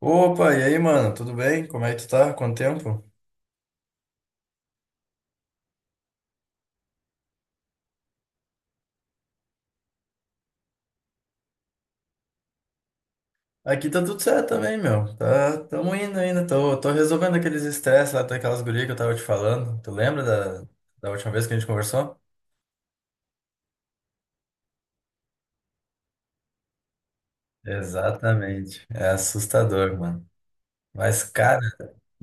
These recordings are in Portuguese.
Opa, e aí, mano? Tudo bem? Como é que tu tá? Quanto tempo? Aqui tá tudo certo também, meu. Tá, tamo indo ainda. Tô resolvendo aqueles estresses lá daquelas gurias que eu tava te falando. Tu lembra da, da última vez que a gente conversou? Exatamente. É assustador, mano. Mas, cara,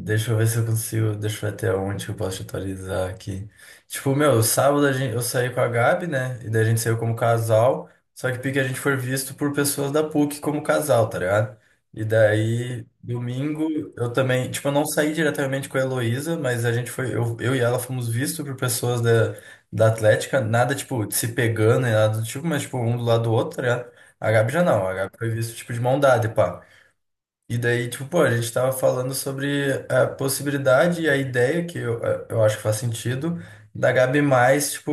deixa eu ver se eu consigo. Deixa eu ver até onde que eu posso te atualizar aqui. Tipo, meu, sábado a gente, eu saí com a Gabi, né? E daí a gente saiu como casal. Só que pique a gente foi visto por pessoas da PUC como casal, tá ligado? E daí, domingo, eu também. Tipo, eu não saí diretamente com a Heloísa, mas a gente foi. Eu e ela fomos vistos por pessoas da, da Atlética. Nada, tipo, de se pegando e nada do tipo, mas, tipo, um do lado do outro, tá ligado? A Gabi já não. A Gabi foi visto, tipo, de mão dada, e pá. E daí, tipo, pô, a gente tava falando sobre a possibilidade e a ideia, que eu acho que faz sentido, da Gabi mais, tipo,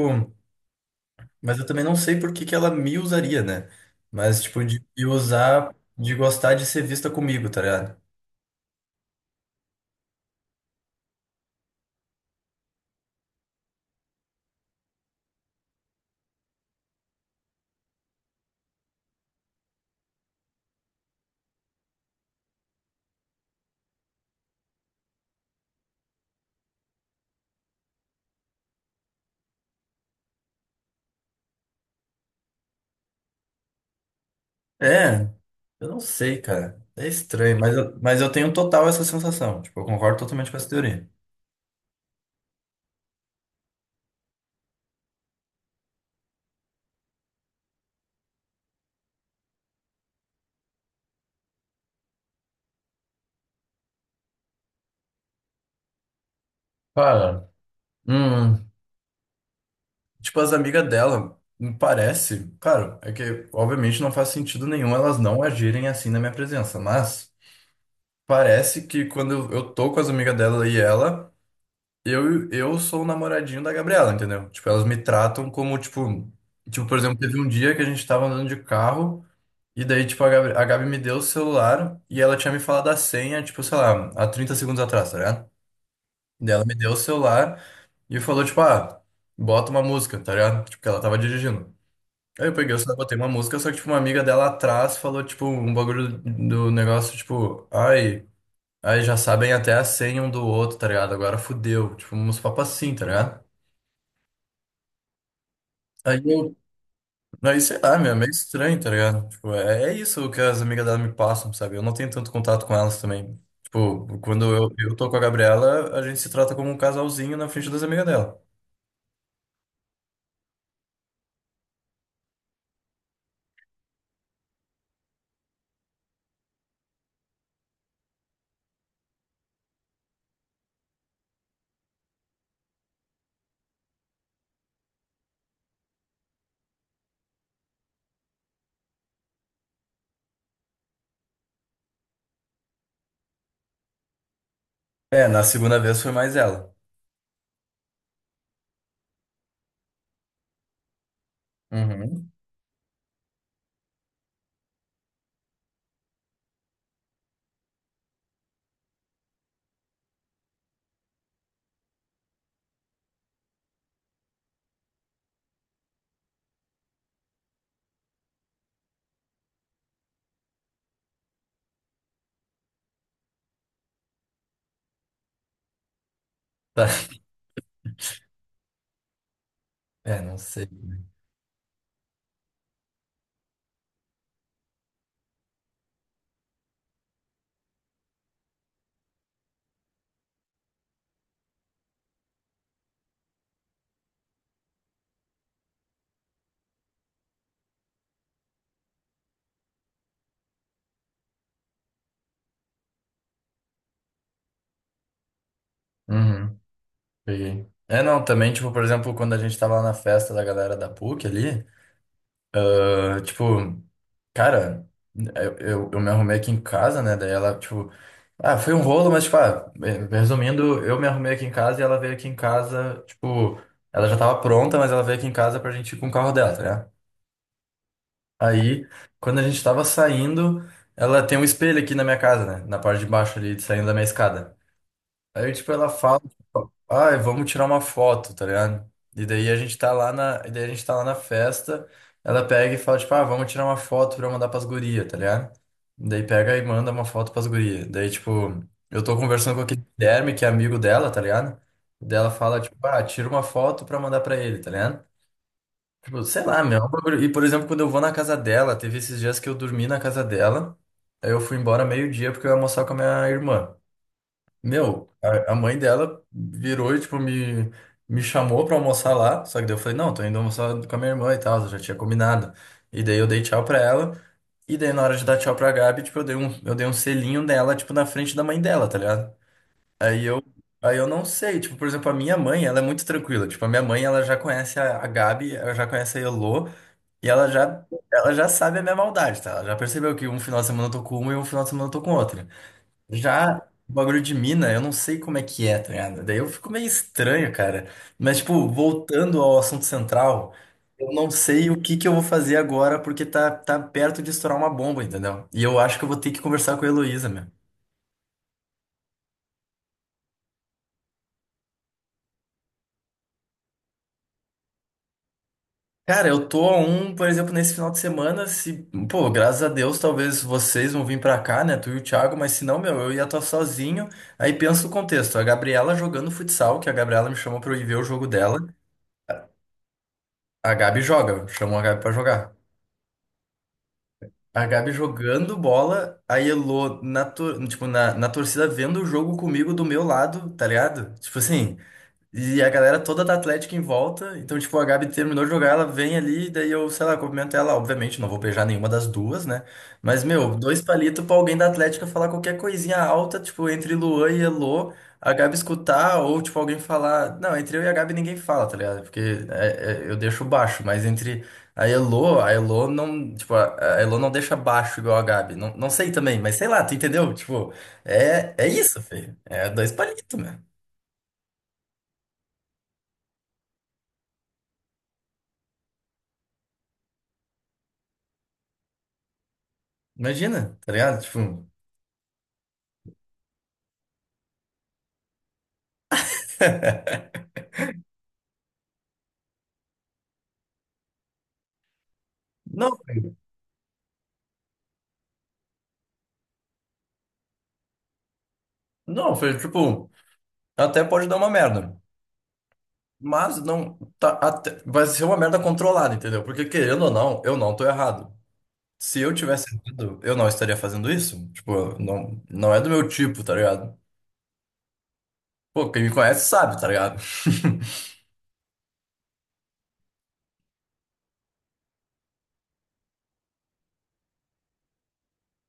mas eu também não sei por que que ela me usaria, né? Mas, tipo, de me usar, de gostar de ser vista comigo, tá ligado? É, eu não sei, cara. É estranho, mas eu tenho total essa sensação. Tipo, eu concordo totalmente com essa teoria. Cara, hum, tipo, as amigas dela, me parece, claro, é que obviamente não faz sentido nenhum elas não agirem assim na minha presença, mas. Parece que quando eu tô com as amigas dela e ela, eu sou o namoradinho da Gabriela, entendeu? Tipo, elas me tratam como, tipo, tipo, por exemplo, teve um dia que a gente tava andando de carro, e daí, tipo, a Gabi me deu o celular e ela tinha me falado a senha, tipo, sei lá, há 30 segundos atrás, tá ligado? Daí ela me deu o celular e falou, tipo, ah, bota uma música, tá ligado? Tipo, que ela tava dirigindo. Aí eu peguei o celular, botei uma música, só que, tipo, uma amiga dela atrás falou, tipo, um bagulho do negócio, tipo, ai. Aí já sabem até a senha um do outro, tá ligado? Agora fudeu. Tipo, uns papos assim, tá ligado? Aí eu. Aí sei lá, meu, é meio estranho, tá ligado? Tipo, é isso que as amigas dela me passam, sabe? Eu não tenho tanto contato com elas também. Tipo, quando eu tô com a Gabriela, a gente se trata como um casalzinho na frente das amigas dela. É, na segunda vez foi mais ela. Uhum. Tá. É, não sei. Uhum. Peguei. É, não, também, tipo, por exemplo, quando a gente tava lá na festa da galera da PUC ali, ah, tipo. Cara, eu me arrumei aqui em casa, né? Daí ela, tipo, ah, foi um rolo, mas, tipo, ah, resumindo, eu me arrumei aqui em casa e ela veio aqui em casa, tipo, ela já tava pronta, mas ela veio aqui em casa pra gente ir com o carro dela, tá ligado? Aí, quando a gente tava saindo, ela tem um espelho aqui na minha casa, né? Na parte de baixo ali, saindo da minha escada. Aí, tipo, ela fala, tipo, ai, vamos tirar uma foto, tá ligado? E daí a gente tá lá na, e daí a gente tá lá na festa, ela pega e fala, tipo, ah, vamos tirar uma foto pra eu mandar pras gurias, tá ligado? Daí pega e manda uma foto pras gurias. Daí, tipo, eu tô conversando com aquele Guilherme, que é amigo dela, tá ligado? Daí ela fala, tipo, ah, tira uma foto pra mandar pra ele, tá ligado? Tipo, sei lá, meu. É um bagulho- e, por exemplo, quando eu vou na casa dela, teve esses dias que eu dormi na casa dela, aí eu fui embora meio-dia porque eu ia almoçar com a minha irmã. Meu, a mãe dela virou e, tipo, me chamou pra almoçar lá. Só que daí eu falei, não, tô indo almoçar com a minha irmã e tal, eu já tinha combinado. E daí eu dei tchau pra ela. E daí na hora de dar tchau pra Gabi, tipo, eu dei um selinho nela, tipo, na frente da mãe dela, tá ligado? Aí eu, aí eu não sei, tipo, por exemplo, a minha mãe, ela é muito tranquila. Tipo, a minha mãe, ela já conhece a Gabi, ela já conhece a Elô, e ela já sabe a minha maldade, tá? Ela já percebeu que um final de semana eu tô com uma e um final de semana eu tô com outra. Já o bagulho de mina, eu não sei como é que é, tá ligado? Daí eu fico meio estranho, cara. Mas, tipo, voltando ao assunto central, eu não sei o que que eu vou fazer agora porque tá perto de estourar uma bomba, entendeu? E eu acho que eu vou ter que conversar com a Heloísa, meu. Cara, eu tô a um, por exemplo, nesse final de semana, se, pô, graças a Deus, talvez vocês vão vir pra cá, né, tu e o Thiago, mas se não, meu, eu ia estar sozinho. Aí pensa o contexto, a Gabriela jogando futsal, que a Gabriela me chamou pra eu ir ver o jogo dela. A Gabi joga, chamou a Gabi pra jogar. A Gabi jogando bola, a Elô na, tor- tipo, na, na torcida vendo o jogo comigo do meu lado, tá ligado? Tipo assim, e a galera toda da Atlética em volta. Então, tipo, a Gabi terminou de jogar, ela vem ali, daí eu, sei lá, cumprimento ela. Obviamente, não vou beijar nenhuma das duas, né? Mas, meu, dois palitos pra alguém da Atlética falar qualquer coisinha alta, tipo, entre Luan e Elô, a Gabi escutar, ou, tipo, alguém falar. Não, entre eu e a Gabi ninguém fala, tá ligado? Porque eu deixo baixo, mas entre a Elô não. Tipo, a Elô não deixa baixo igual a Gabi. Não, não sei também, mas sei lá, tu entendeu? Tipo, é isso, filho. É dois palitos, imagina, tá ligado? Tipo, não, velho. Não, foi tipo, até pode dar uma merda. Mas não, tá, até- vai ser uma merda controlada, entendeu? Porque querendo ou não, eu não tô errado. Se eu tivesse errado, eu não estaria fazendo isso. Tipo, não, não é do meu tipo, tá ligado? Pô, quem me conhece sabe, tá ligado?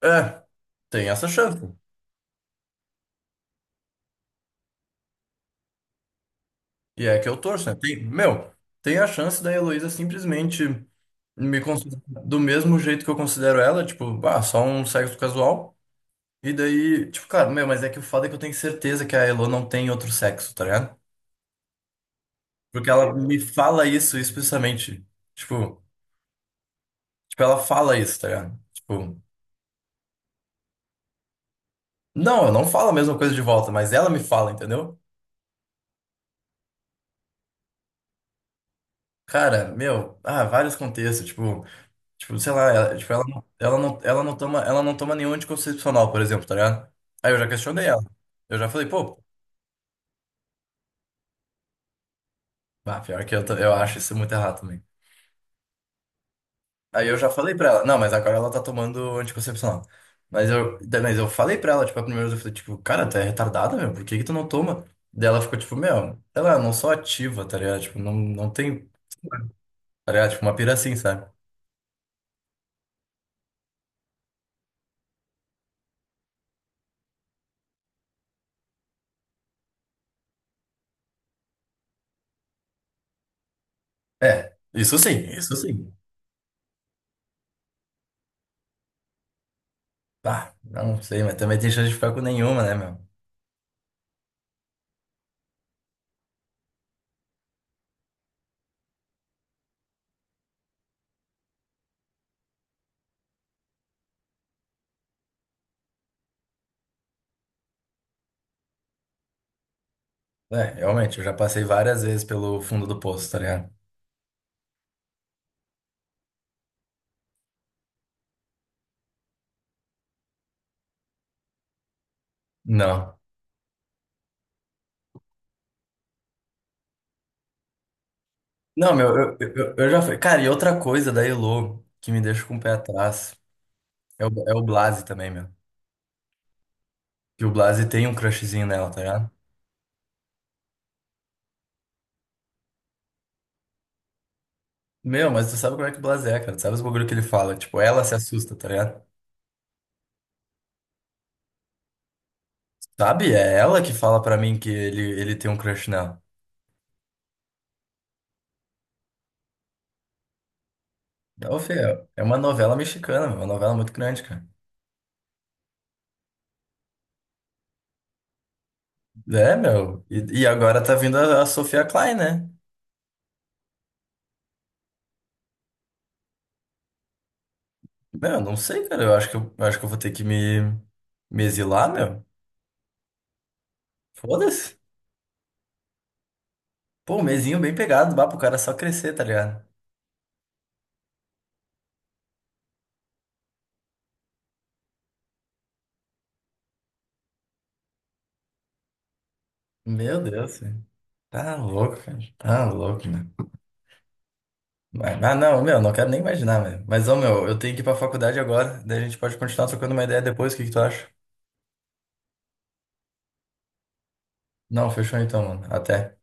É, tem essa chance. E é que eu torço, né? Tem, meu, tem a chance da Heloísa simplesmente me considerar do mesmo jeito que eu considero ela, tipo, ah, só um sexo casual. E daí, tipo, cara, meu, mas é que o foda é que eu tenho certeza que a Elo não tem outro sexo, tá ligado? Porque ela me fala isso explicitamente. Tipo, tipo, ela fala isso, tá ligado? Tipo, não, eu não falo a mesma coisa de volta, mas ela me fala, entendeu? Cara, meu, ah, vários contextos, tipo, sei lá, ela não toma, nenhum anticoncepcional, por exemplo, tá ligado? Aí eu já questionei ela. Eu já falei, pô, ah, pior que eu, tô- eu acho isso muito errado também. Aí eu já falei pra ela, não, mas agora ela tá tomando anticoncepcional. Mas eu falei pra ela, tipo, a primeira vez eu falei, tipo, cara, tu é retardada, meu, por que que tu não toma? Daí ela ficou, tipo, meu, ela não sou ativa, tá ligado? Tipo, não, não tem, tá ligado? Tipo, uma pira assim, sabe? É, isso sim, isso sim. Ah, não sei, mas também tem chance de ficar com nenhuma, né, meu? É, realmente, eu já passei várias vezes pelo fundo do poço, tá ligado? Não. Não, meu, eu já fui. Cara, e outra coisa da Elo que me deixa com o pé atrás é o Blase também, meu. Que o Blase tem um crushzinho nela, tá ligado? Meu, mas tu sabe como é que o Blase é, cara. Tu sabe os bagulho que ele fala. Tipo, ela se assusta, tá ligado? Sabe? É ela que fala pra mim que ele tem um crush nela. Então, Fê, é uma novela mexicana, meu, uma novela muito grande, cara. É, meu. E agora tá vindo a Sofia Klein, né? Meu, não sei, cara. Eu acho que eu vou ter que me exilar, meu. Foda-se. Pô, um mesinho bem pegado, bah, pro cara só crescer, tá ligado? Meu Deus, velho. Tá louco, cara. Tá louco, meu. Mas- ah, não, meu, não quero nem imaginar, velho. Mas, ô, meu, eu tenho que ir pra faculdade agora, daí a gente pode continuar trocando uma ideia depois, o que que tu acha? Não, fechou então, mano. Até.